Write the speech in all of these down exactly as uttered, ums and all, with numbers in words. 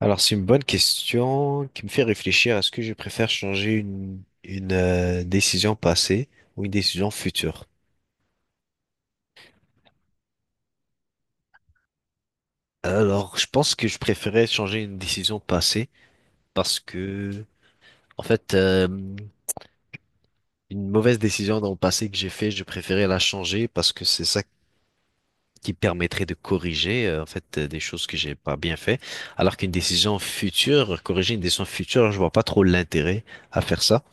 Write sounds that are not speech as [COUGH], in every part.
Alors, c'est une bonne question qui me fait réfléchir. Est-ce que je préfère changer une, une euh, décision passée ou une décision future? Alors, je pense que je préférais changer une décision passée parce que, en fait, euh, une mauvaise décision dans le passé que j'ai fait, je préférais la changer parce que c'est ça qui permettrait de corriger, euh, en fait, euh, des choses que j'ai pas bien fait. Alors qu'une décision future, corriger une décision future, je vois pas trop l'intérêt à faire ça.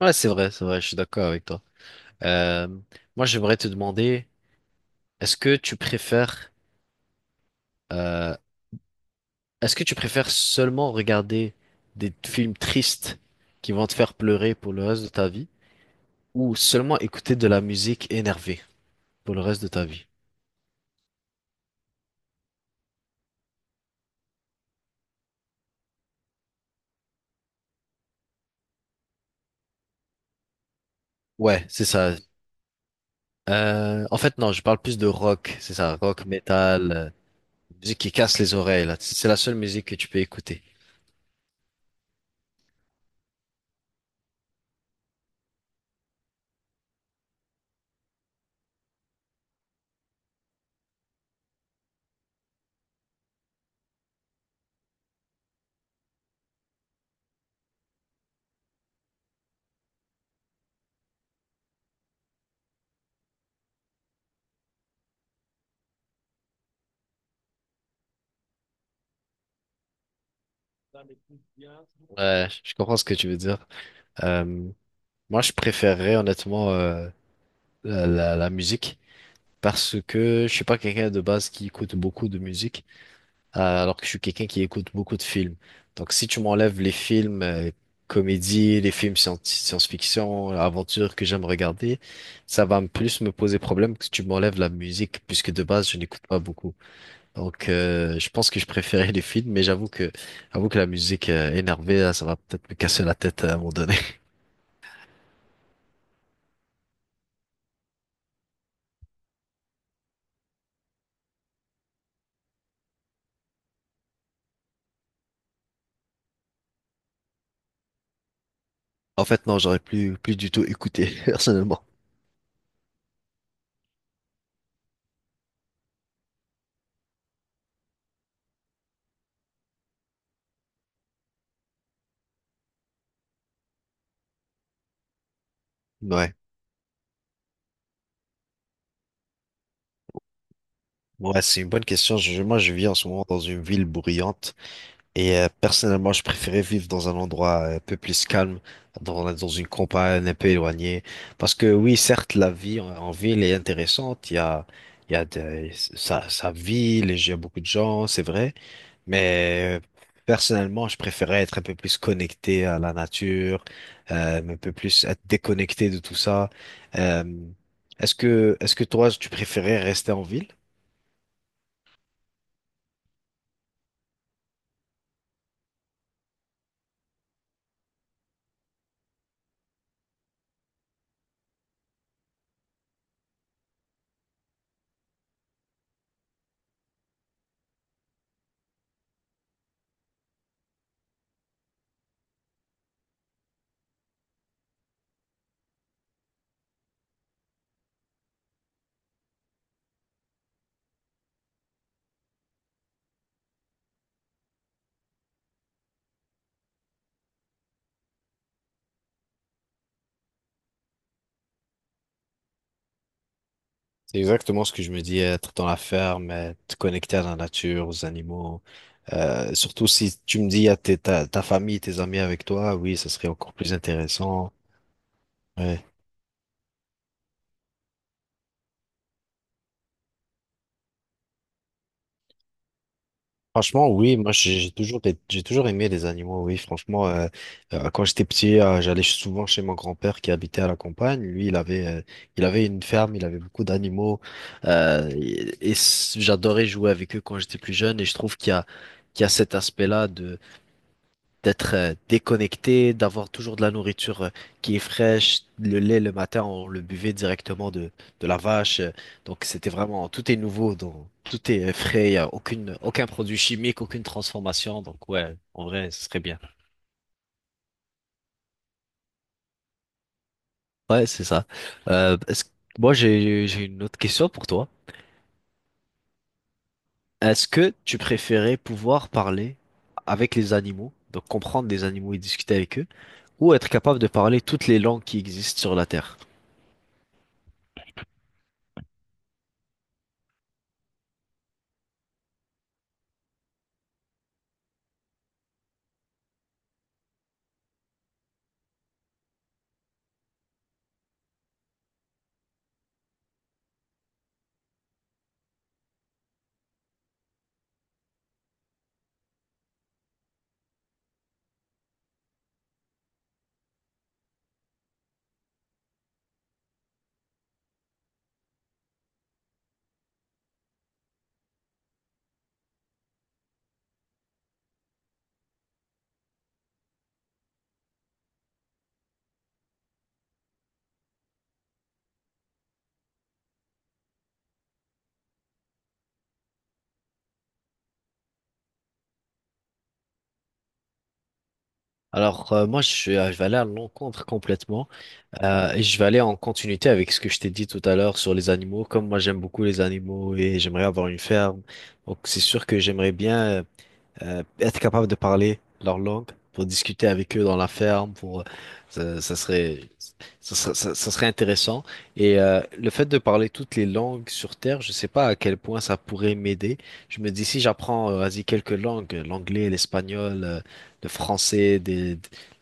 Ouais, c'est vrai, c'est vrai, je suis d'accord avec toi. Euh, Moi, j'aimerais te demander, est-ce que tu préfères, euh, est-ce que tu préfères seulement regarder des films tristes qui vont te faire pleurer pour le reste de ta vie, ou seulement écouter de la musique énervée pour le reste de ta vie? Ouais, c'est ça. Euh, en fait, non, je parle plus de rock, c'est ça, rock, metal, euh, musique qui casse les oreilles, là. C'est la seule musique que tu peux écouter. Ouais, je comprends ce que tu veux dire. Euh, Moi, je préférerais honnêtement euh, la, la- la musique parce que je suis pas quelqu'un de base qui écoute beaucoup de musique. Euh, alors que je suis quelqu'un qui écoute beaucoup de films. Donc, si tu m'enlèves les films euh, comédie, les films scienti- science-fiction, aventure que j'aime regarder, ça va me plus me poser problème que si tu m'enlèves la musique, puisque de base, je n'écoute pas beaucoup. Donc, euh, je pense que je préférais les films, mais j'avoue que, j'avoue que la musique euh, énervée, là, ça va peut-être me casser la tête à un moment donné. [LAUGHS] En fait, non, j'aurais plus, plus du tout écouté, [LAUGHS] personnellement. Ouais. Ouais, c'est une bonne question. Je- moi, je vis en ce moment dans une ville bruyante. Et euh, personnellement, je préférais vivre dans un endroit euh, un peu plus calme, dans, dans une campagne un peu éloignée. Parce que oui, certes, la vie en, en ville est intéressante. Il y a, il y a de, ça, ça vit, les- il y a beaucoup de gens, c'est vrai. Mais euh, personnellement, je préférais être un peu plus connecté à la nature, euh, un peu plus être déconnecté de tout ça. Euh, est-ce que, est-ce que toi, tu préférais rester en ville? C'est exactement ce que je me dis, être dans la ferme, être connecté à la nature, aux animaux. Euh, surtout si tu me dis, à ta, ta famille, tes amis avec toi, oui, ce serait encore plus intéressant. Ouais. Franchement, oui, moi j'ai j'ai toujours, des- j'ai toujours aimé les animaux, oui, franchement, euh, euh, quand j'étais petit, euh, j'allais souvent chez mon grand-père qui habitait à la campagne. Lui, il avait, euh, il avait une ferme, il avait beaucoup d'animaux, euh, et, et s- j'adorais jouer avec eux quand j'étais plus jeune. Et je trouve qu'il y a, qu'il y a cet aspect-là d'être euh, déconnecté, d'avoir toujours de la nourriture euh, qui est fraîche. Le lait le matin, on le buvait directement de, de la vache. euh, Donc c'était vraiment tout est nouveau, donc tout est euh, frais, y a aucune, aucun produit chimique, aucune transformation. Donc ouais, en vrai, ce serait bien. Ouais, c'est ça. Euh, est-ce- moi j'ai j'ai une autre question pour toi. Est-ce que tu préférais pouvoir parler avec les animaux, donc comprendre des animaux et discuter avec eux, ou être capable de parler toutes les langues qui existent sur la Terre? Alors, euh, moi, je, suis- je vais aller à l'encontre complètement. Euh, et je vais aller en continuité avec ce que je t'ai dit tout à l'heure sur les animaux. Comme moi, j'aime beaucoup les animaux et j'aimerais avoir une ferme. Donc, c'est sûr que j'aimerais bien euh, être capable de parler leur langue pour discuter avec eux dans la ferme, pour ça, ça serait ça serait, ça- ça serait intéressant. Et euh, le fait de parler toutes les langues sur Terre, je sais pas à quel point ça pourrait m'aider. Je me dis si j'apprends euh, vas-y quelques langues, euh, l'anglais, l'espagnol, euh, le français, des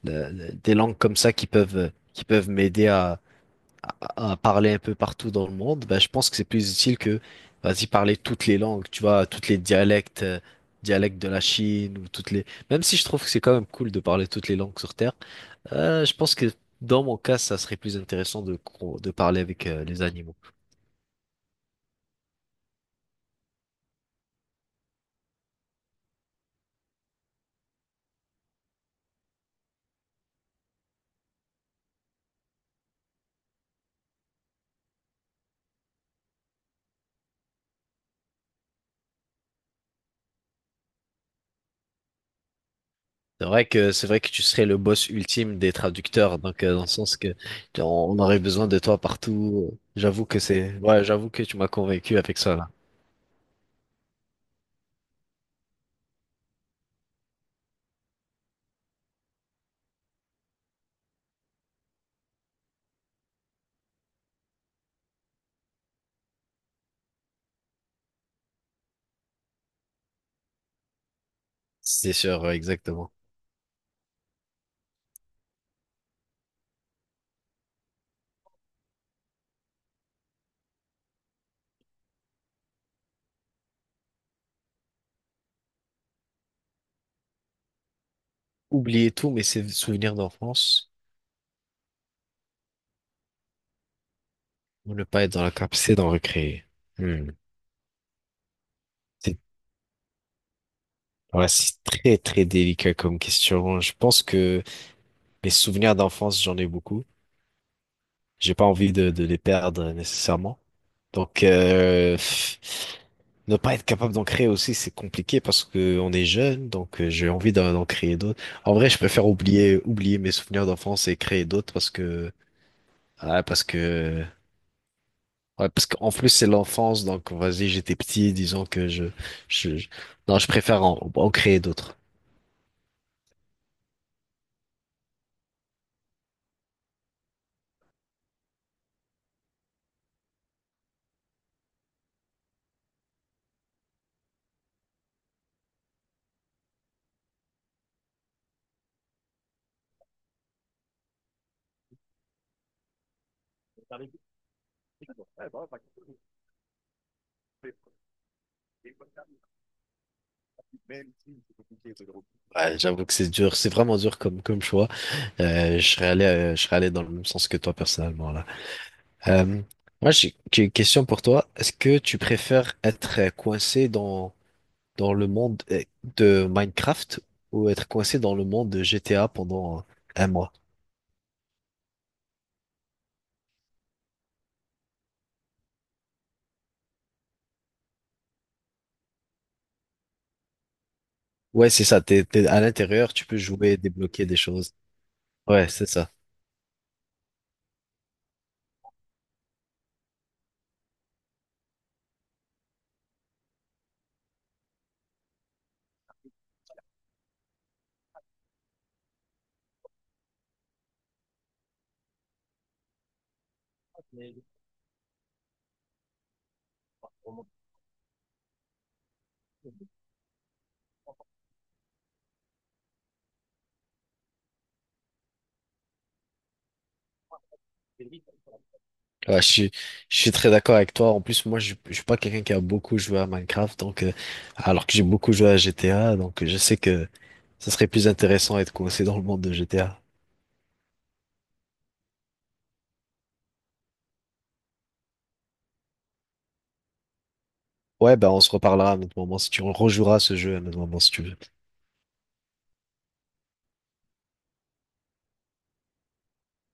des le- le- des langues comme ça qui peuvent qui peuvent m'aider à à parler un peu partout dans le monde, ben, je pense que c'est plus utile que, vas-y, parler toutes les langues, tu vois, toutes les dialectes, euh, dialectes de la Chine ou toutes les... Même si je trouve que c'est quand même cool de parler toutes les langues sur Terre, euh, je pense que dans mon cas, ça serait plus intéressant de, co- de parler avec euh, les animaux. C'est vrai que c'est vrai que tu serais le boss ultime des traducteurs, donc euh, dans le sens que tu- on aurait besoin de toi partout. J'avoue que c'est, ouais, j'avoue que tu m'as convaincu avec ça là. C'est sûr, ouais, exactement. Oublier tout, mais c'est souvenirs d'enfance. Ou ne pas être dans la capacité d'en recréer. Hmm. C'est voilà, c'est très très délicat comme question. Je pense que mes souvenirs d'enfance, j'en ai beaucoup. J'ai pas envie de, de les perdre nécessairement. Donc euh, ne pas être capable d'en créer aussi, c'est compliqué parce que on est jeune, donc euh, j'ai envie d'en d'en créer d'autres. En vrai, je préfère oublier oublier mes souvenirs d'enfance et créer d'autres parce que ah, parce que ouais, parce qu'en plus c'est l'enfance, donc vas-y, j'étais petit, disons que je, je, je- non, je préfère en, en créer d'autres. Ouais, j'avoue que c'est dur, c'est vraiment dur comme comme choix. Euh, je serais allé, euh, je serais allé dans le même sens que toi personnellement là. Euh, Moi, j'ai j'ai une question pour toi. Est-ce que tu préfères être euh, coincé dans dans le monde eh, de Minecraft ou être coincé dans le monde de G T A pendant euh, un mois. Ouais, c'est ça. T'es, t'es à l'intérieur, tu peux jouer, débloquer des choses. Ouais, c'est ça. Ouais, je suis, je suis très d'accord avec toi. En plus, moi, je, je suis pas quelqu'un qui a beaucoup joué à Minecraft, donc euh, alors que j'ai beaucoup joué à G T A, donc euh, je sais que ça serait plus intéressant d'être coincé dans le monde de G T A. Ouais, ben on se reparlera à un autre moment si tu rejoueras à ce jeu à un autre moment si tu veux.